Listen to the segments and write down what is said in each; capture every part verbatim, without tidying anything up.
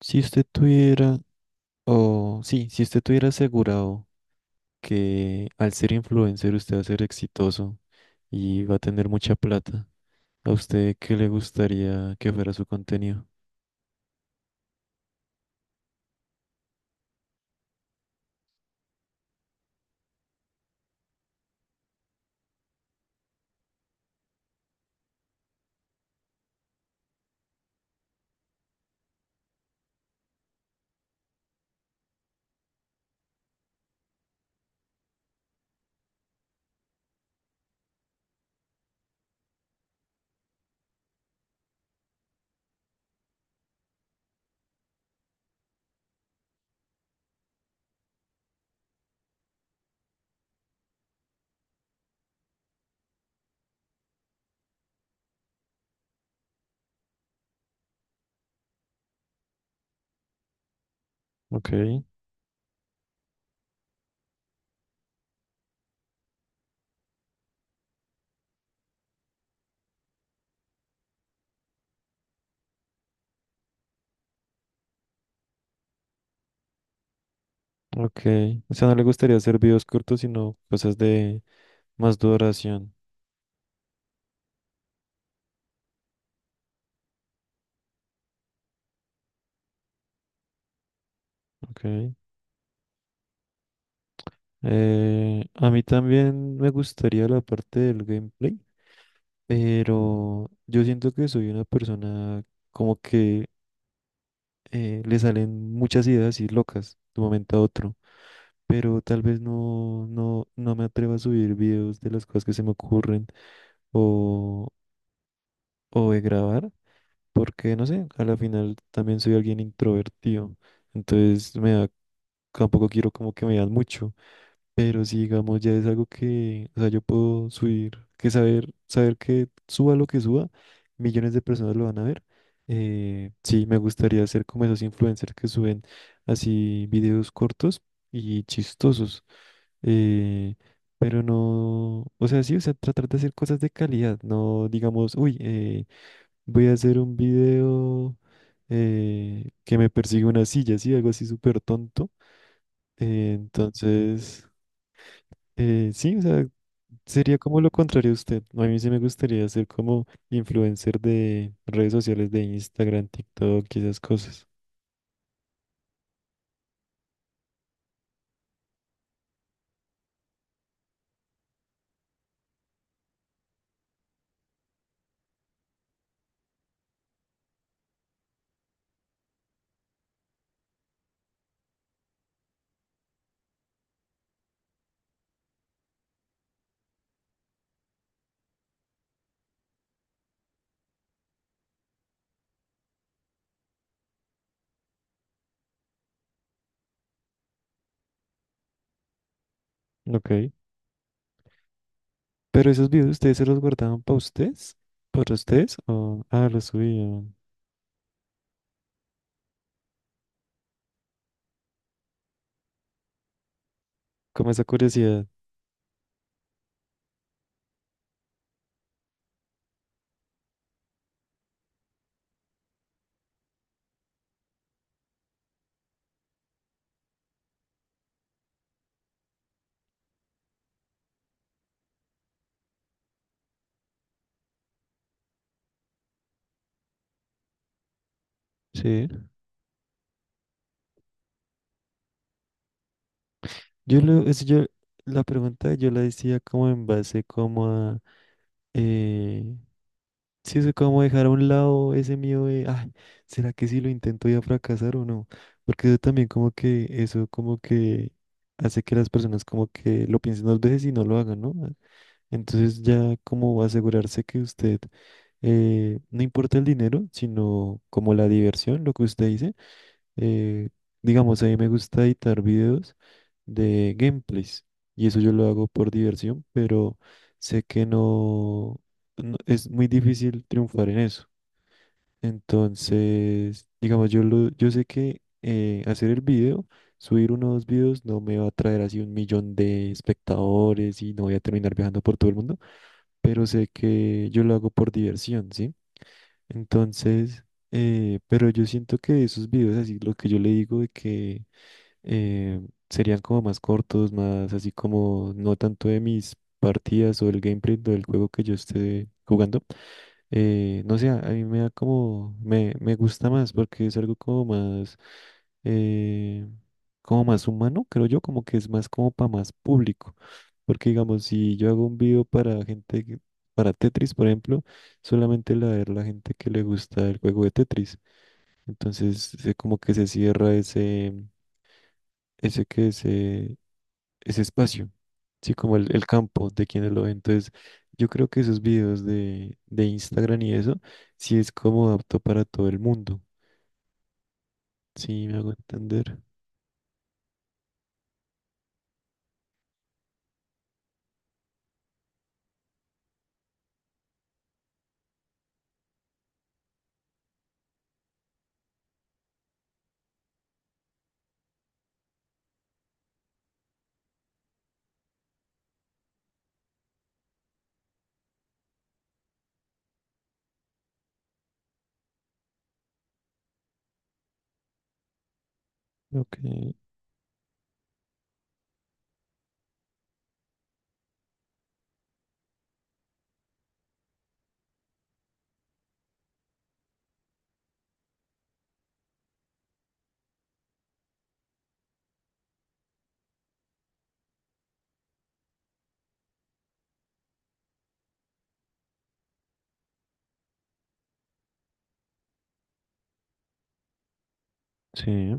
Si usted tuviera, o sí, si usted tuviera asegurado que al ser influencer usted va a ser exitoso y va a tener mucha plata, ¿a usted qué le gustaría que fuera su contenido? Ok, ok. O sea, no le gustaría hacer videos cortos, sino cosas de más duración. Ok. Eh, a mí también me gustaría la parte del gameplay, pero yo siento que soy una persona como que eh, le salen muchas ideas y locas de un momento a otro, pero tal vez no, no, no me atrevo a subir videos de las cosas que se me ocurren o, o de grabar, porque no sé, a la final también soy alguien introvertido, entonces me da, tampoco quiero como que me vean mucho. Pero si digamos ya es algo que, o sea, yo puedo subir, que saber, saber que suba lo que suba, millones de personas lo van a ver. eh, sí, me gustaría ser como esos influencers que suben así videos cortos y chistosos. eh, pero no, o sea, sí, o sea, tratar de hacer cosas de calidad, no digamos, uy, eh, voy a hacer un video eh, que me persigue una silla, sí, algo así súper tonto. eh, entonces. Eh, sí, o sea, sería como lo contrario a usted. A mí sí me gustaría ser como influencer de redes sociales de Instagram, TikTok y esas cosas. Ok. Pero esos videos ustedes se los guardaban para ustedes, para ustedes, o ah, los subían. Como esa curiosidad. Sí. Yo lo, es, yo, la pregunta yo la decía como en base como a eh, sí, eso como dejar a un lado ese miedo de, ay, ¿será que si lo intento voy a fracasar o no? Porque eso también como que, eso como que hace que las personas como que lo piensen dos veces y no lo hagan, ¿no? Entonces ya como asegurarse que usted, eh, no importa el dinero, sino como la diversión, lo que usted dice, eh, digamos, a mí me gusta editar videos de gameplays y eso yo lo hago por diversión, pero sé que no, no- es muy difícil triunfar en eso. Entonces, digamos, yo, lo, yo sé que eh, hacer el video, subir uno o dos videos, no me va a traer así un millón de espectadores y no voy a terminar viajando por todo el mundo, pero sé que yo lo hago por diversión, ¿sí? Entonces, eh, pero yo siento que esos videos, así lo que yo le digo de que eh, serían como más cortos, más así como no tanto de mis partidas o el gameplay del juego que yo esté jugando. Eh, no sé, a mí me da como, me, me gusta más porque es algo como más, eh, como más humano, creo yo, como que es más como para más público. Porque digamos, si yo hago un video para gente, que- para Tetris, por ejemplo, solamente la ver la gente que le gusta el juego de Tetris. Entonces, se- como que se cierra ese ese que ese, ese espacio, sí, como el, el campo de quienes lo ven. Entonces, yo creo que esos videos de, de Instagram y eso, sí es como apto para todo el mundo. Sí, me hago entender. Ok, sí,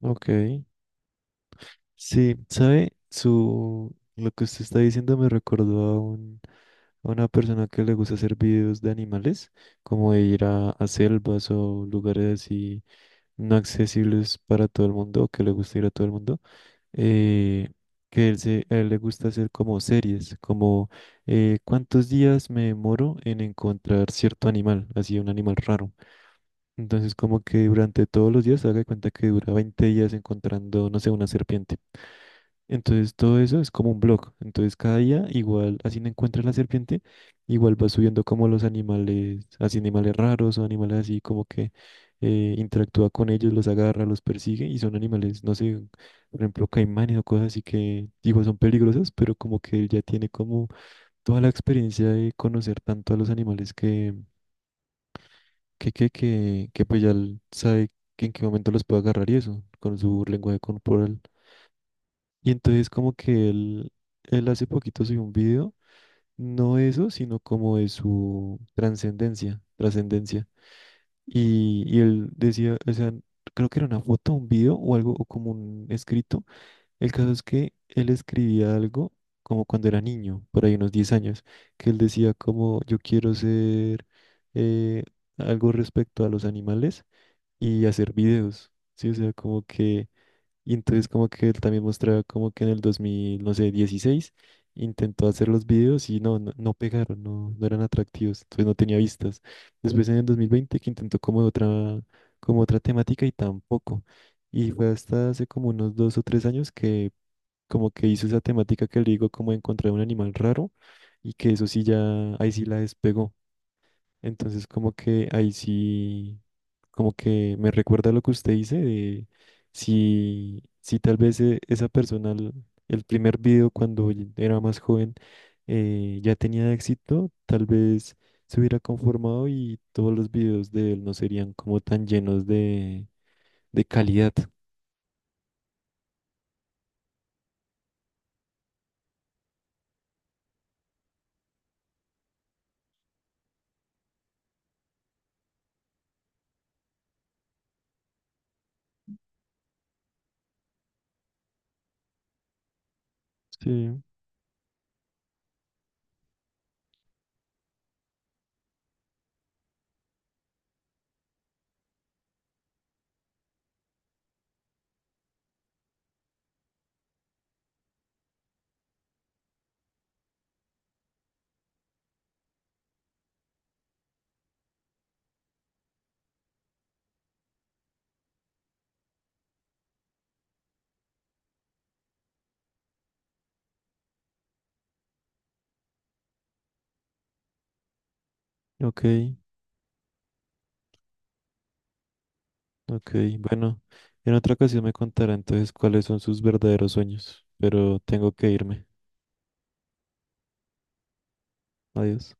ok. Sí, ¿sabe? Su, lo que usted está diciendo me recordó a un, a una persona que le gusta hacer videos de animales, como de ir a, a selvas o lugares así no accesibles para todo el mundo, o que le gusta ir a todo el mundo. eh, que él, se, a él le gusta hacer como series, como eh, cuántos días me demoro en encontrar cierto animal, así un animal raro. Entonces como que durante todos los días haga de cuenta que dura veinte días encontrando, no sé, una serpiente. Entonces todo eso es como un blog. Entonces cada día igual, así no encuentra la serpiente, igual va subiendo como los animales, así animales raros o animales así como que eh, interactúa con ellos, los agarra, los persigue y son animales, no sé, por ejemplo, caimanes o cosas así que digo son peligrosas, pero como que él ya tiene como toda la experiencia de conocer tanto a los animales que, que, que, que, que pues ya él sabe que en qué momento los puede agarrar y eso, con su lenguaje corporal. Y entonces como que él, él hace poquito subió un video, no eso, sino como de su trascendencia, trascendencia. Y, y él decía, o sea, creo que era una foto, un video o algo, o como un escrito. El caso es que él escribía algo como cuando era niño, por ahí unos diez años, que él decía como yo quiero ser eh, algo respecto a los animales y hacer videos. Sí, o sea, como que y entonces como que él también mostraba como que en el dos mil, no sé, dieciséis intentó hacer los videos y no, no, no pegaron, no, no eran atractivos, entonces no tenía vistas. Después en el dos mil veinte que intentó como otra, como otra temática y tampoco. Y fue hasta hace como unos dos o tres años que como que hizo esa temática que le digo como de encontrar un animal raro y que eso sí ya, ahí sí la despegó. Entonces, como que ahí sí, como que me recuerda lo que usted dice de si, si tal vez eh, esa persona, el, el primer video cuando y- era más joven, eh, ya tenía éxito, tal vez se hubiera conformado y todos los videos de él no serían como tan llenos de, de calidad. Sí, ok, ok. Bueno, en otra ocasión me contará entonces cuáles son sus verdaderos sueños, pero tengo que irme. Adiós.